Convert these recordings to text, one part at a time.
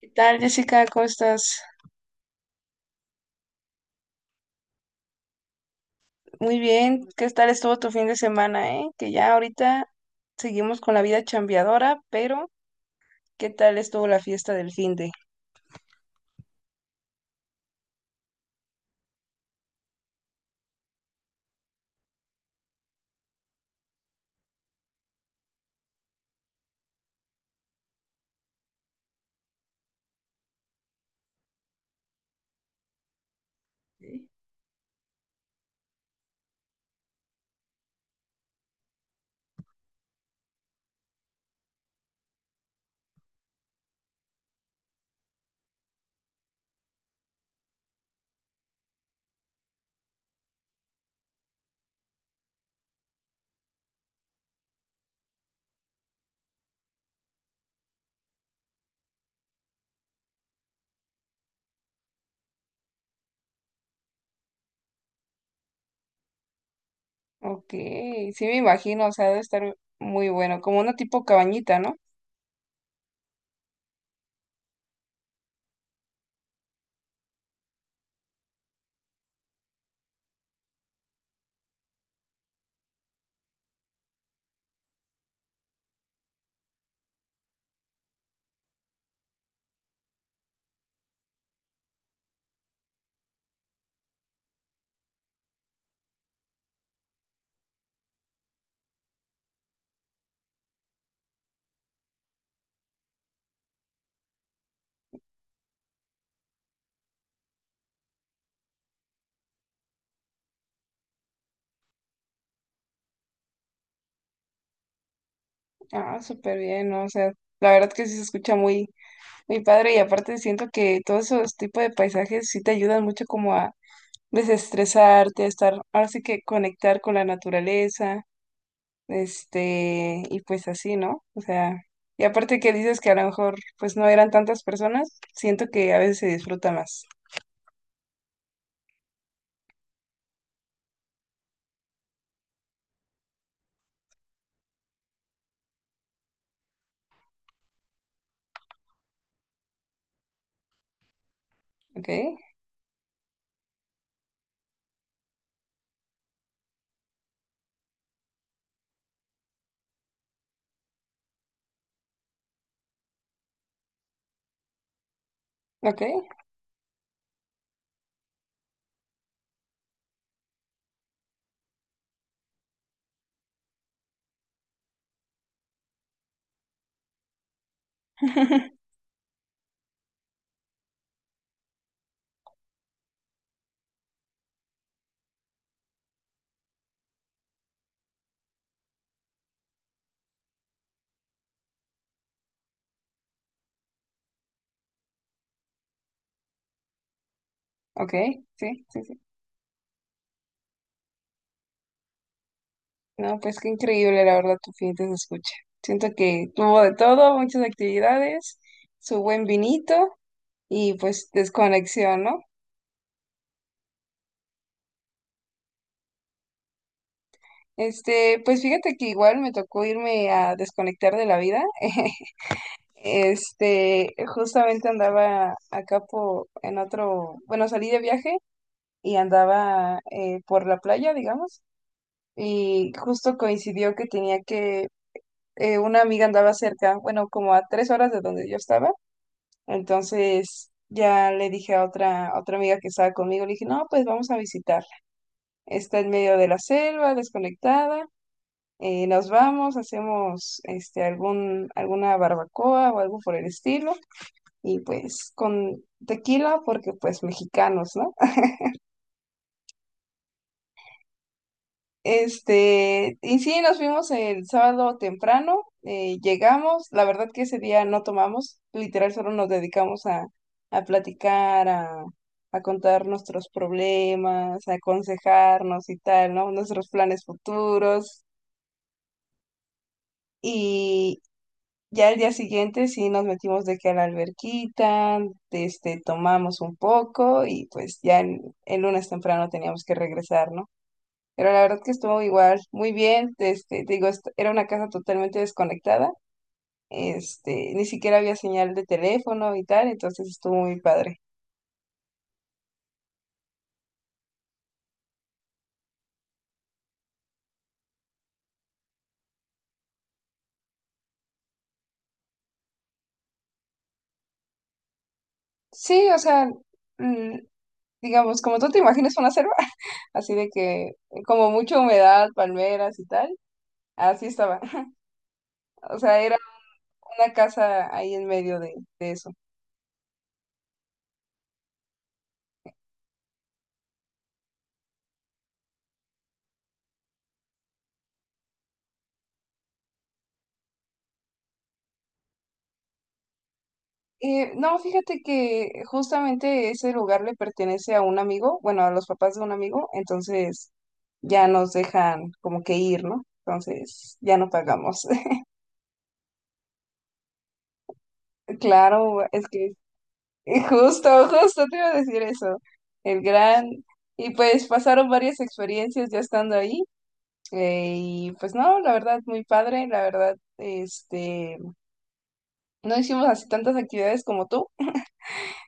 ¿Qué tal, Jessica? ¿Cómo estás? Muy bien. ¿Qué tal estuvo tu fin de semana, Que ya ahorita seguimos con la vida chambeadora, pero ¿qué tal estuvo la fiesta del fin de? Ok, sí me imagino, o sea, debe estar muy bueno, como una tipo cabañita, ¿no? Ah, súper bien, ¿no? O sea, la verdad que sí se escucha muy, muy padre, y aparte siento que todos esos tipos de paisajes sí te ayudan mucho como a desestresarte, a estar, ahora sí que conectar con la naturaleza. Este, y pues así, ¿no? O sea, y aparte que dices que a lo mejor pues no eran tantas personas, siento que a veces se disfruta más. ¿Ok? ¿Ok? ¿Ok? Sí, sí, sí. No, pues qué increíble, la verdad, tu fin se escucha. Siento que tuvo de todo, muchas actividades, su buen vinito y pues desconexión, ¿no? Este, pues fíjate que igual me tocó irme a desconectar de la vida. Este, justamente andaba acá por, en otro, bueno, salí de viaje y andaba por la playa, digamos, y justo coincidió que tenía que, una amiga andaba cerca, bueno, como a 3 horas de donde yo estaba, entonces ya le dije a otra amiga que estaba conmigo, le dije, no, pues vamos a visitarla, está en medio de la selva, desconectada, nos vamos, hacemos, este, alguna barbacoa o algo por el estilo, y pues con tequila porque pues mexicanos, ¿no? Este, y sí, nos fuimos el sábado temprano, llegamos, la verdad que ese día no tomamos, literal solo nos dedicamos a platicar, a contar nuestros problemas, a aconsejarnos y tal, ¿no? Nuestros planes futuros. Y ya el día siguiente sí nos metimos de que a la alberquita, este, tomamos un poco y pues ya el lunes temprano teníamos que regresar, ¿no? Pero la verdad que estuvo igual, muy bien, este, te digo, era una casa totalmente desconectada, este, ni siquiera había señal de teléfono y tal, entonces estuvo muy padre. Sí, o sea, mm, digamos, como tú te imaginas una selva, así de que como mucha humedad, palmeras y tal, así estaba. O sea, era una casa ahí en medio de eso. No, fíjate que justamente ese lugar le pertenece a un amigo, bueno, a los papás de un amigo, entonces ya nos dejan como que ir, ¿no? Entonces ya no pagamos. Claro, es que justo te iba a decir eso, el gran... Y pues pasaron varias experiencias ya estando ahí, y pues no, la verdad, muy padre, la verdad, este, no hicimos así tantas actividades como tú.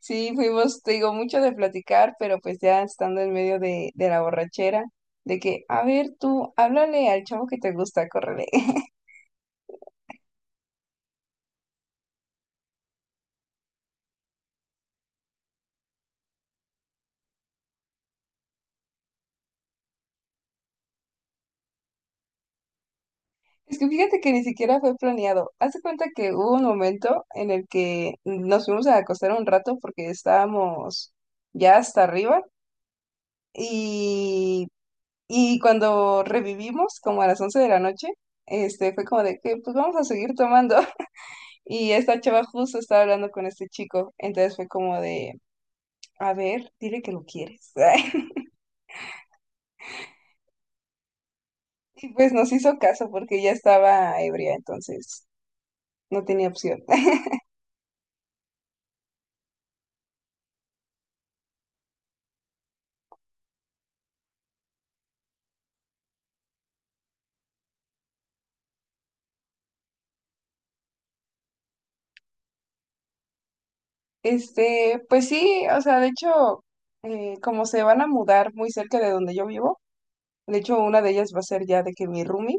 Sí, fuimos, te digo, mucho de platicar, pero pues ya estando en medio de la borrachera, de que, a ver, tú, háblale al chavo que te gusta, córrele. Es que fíjate que ni siquiera fue planeado. Haz de cuenta que hubo un momento en el que nos fuimos a acostar un rato porque estábamos ya hasta arriba, y, y cuando revivimos, como a las 11 de la noche, este, fue como de que, pues vamos a seguir tomando. Y esta chava justo estaba hablando con este chico, entonces fue como de, a ver, dile que lo quieres. Y pues nos hizo caso porque ya estaba ebria, entonces no tenía opción. Este, pues sí, o sea, de hecho, como se van a mudar muy cerca de donde yo vivo, de hecho una de ellas va a ser ya de que mi roomie,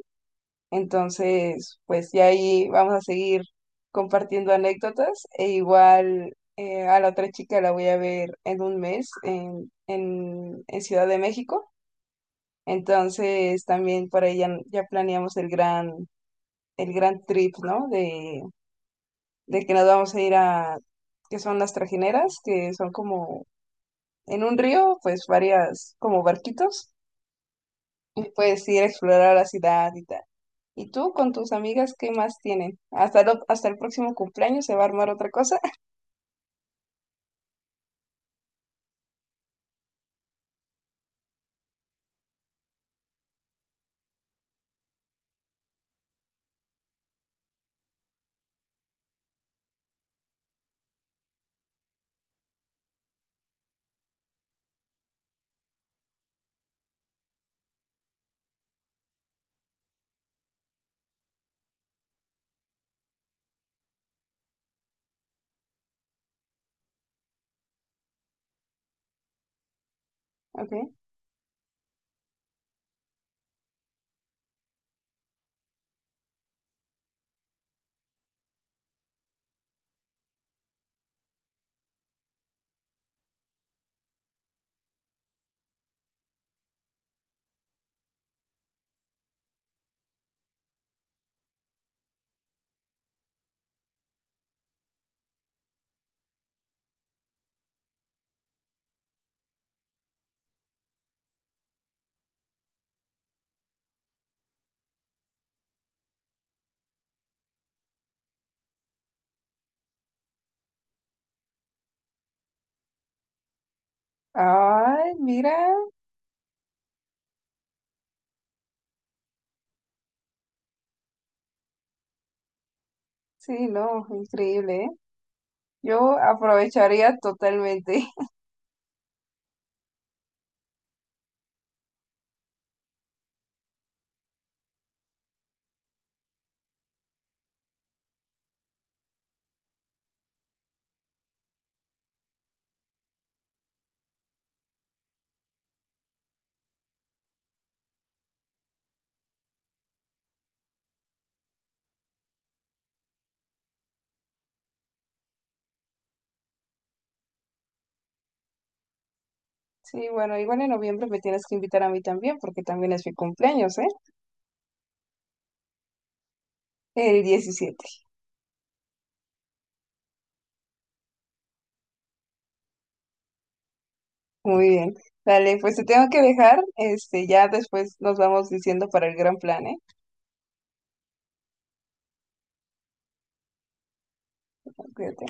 entonces pues ya ahí vamos a seguir compartiendo anécdotas, e igual a la otra chica la voy a ver en un mes en, en Ciudad de México. Entonces también por ahí ya, ya planeamos el gran trip, ¿no? De que nos vamos a ir a, que son las trajineras, que son como en un río, pues varias, como barquitos, y puedes ir a explorar la ciudad y tal. ¿Y tú con tus amigas qué más tienen? ¿Hasta, hasta el próximo cumpleaños se va a armar otra cosa? Ok. Ay, mira. Sí, no, increíble, ¿eh? Yo aprovecharía totalmente. Sí, bueno, igual en noviembre me tienes que invitar a mí también, porque también es mi cumpleaños, ¿eh? El 17. Muy bien. Dale, pues te tengo que dejar. Este, ya después nos vamos diciendo para el gran plan, ¿eh? Cuídate.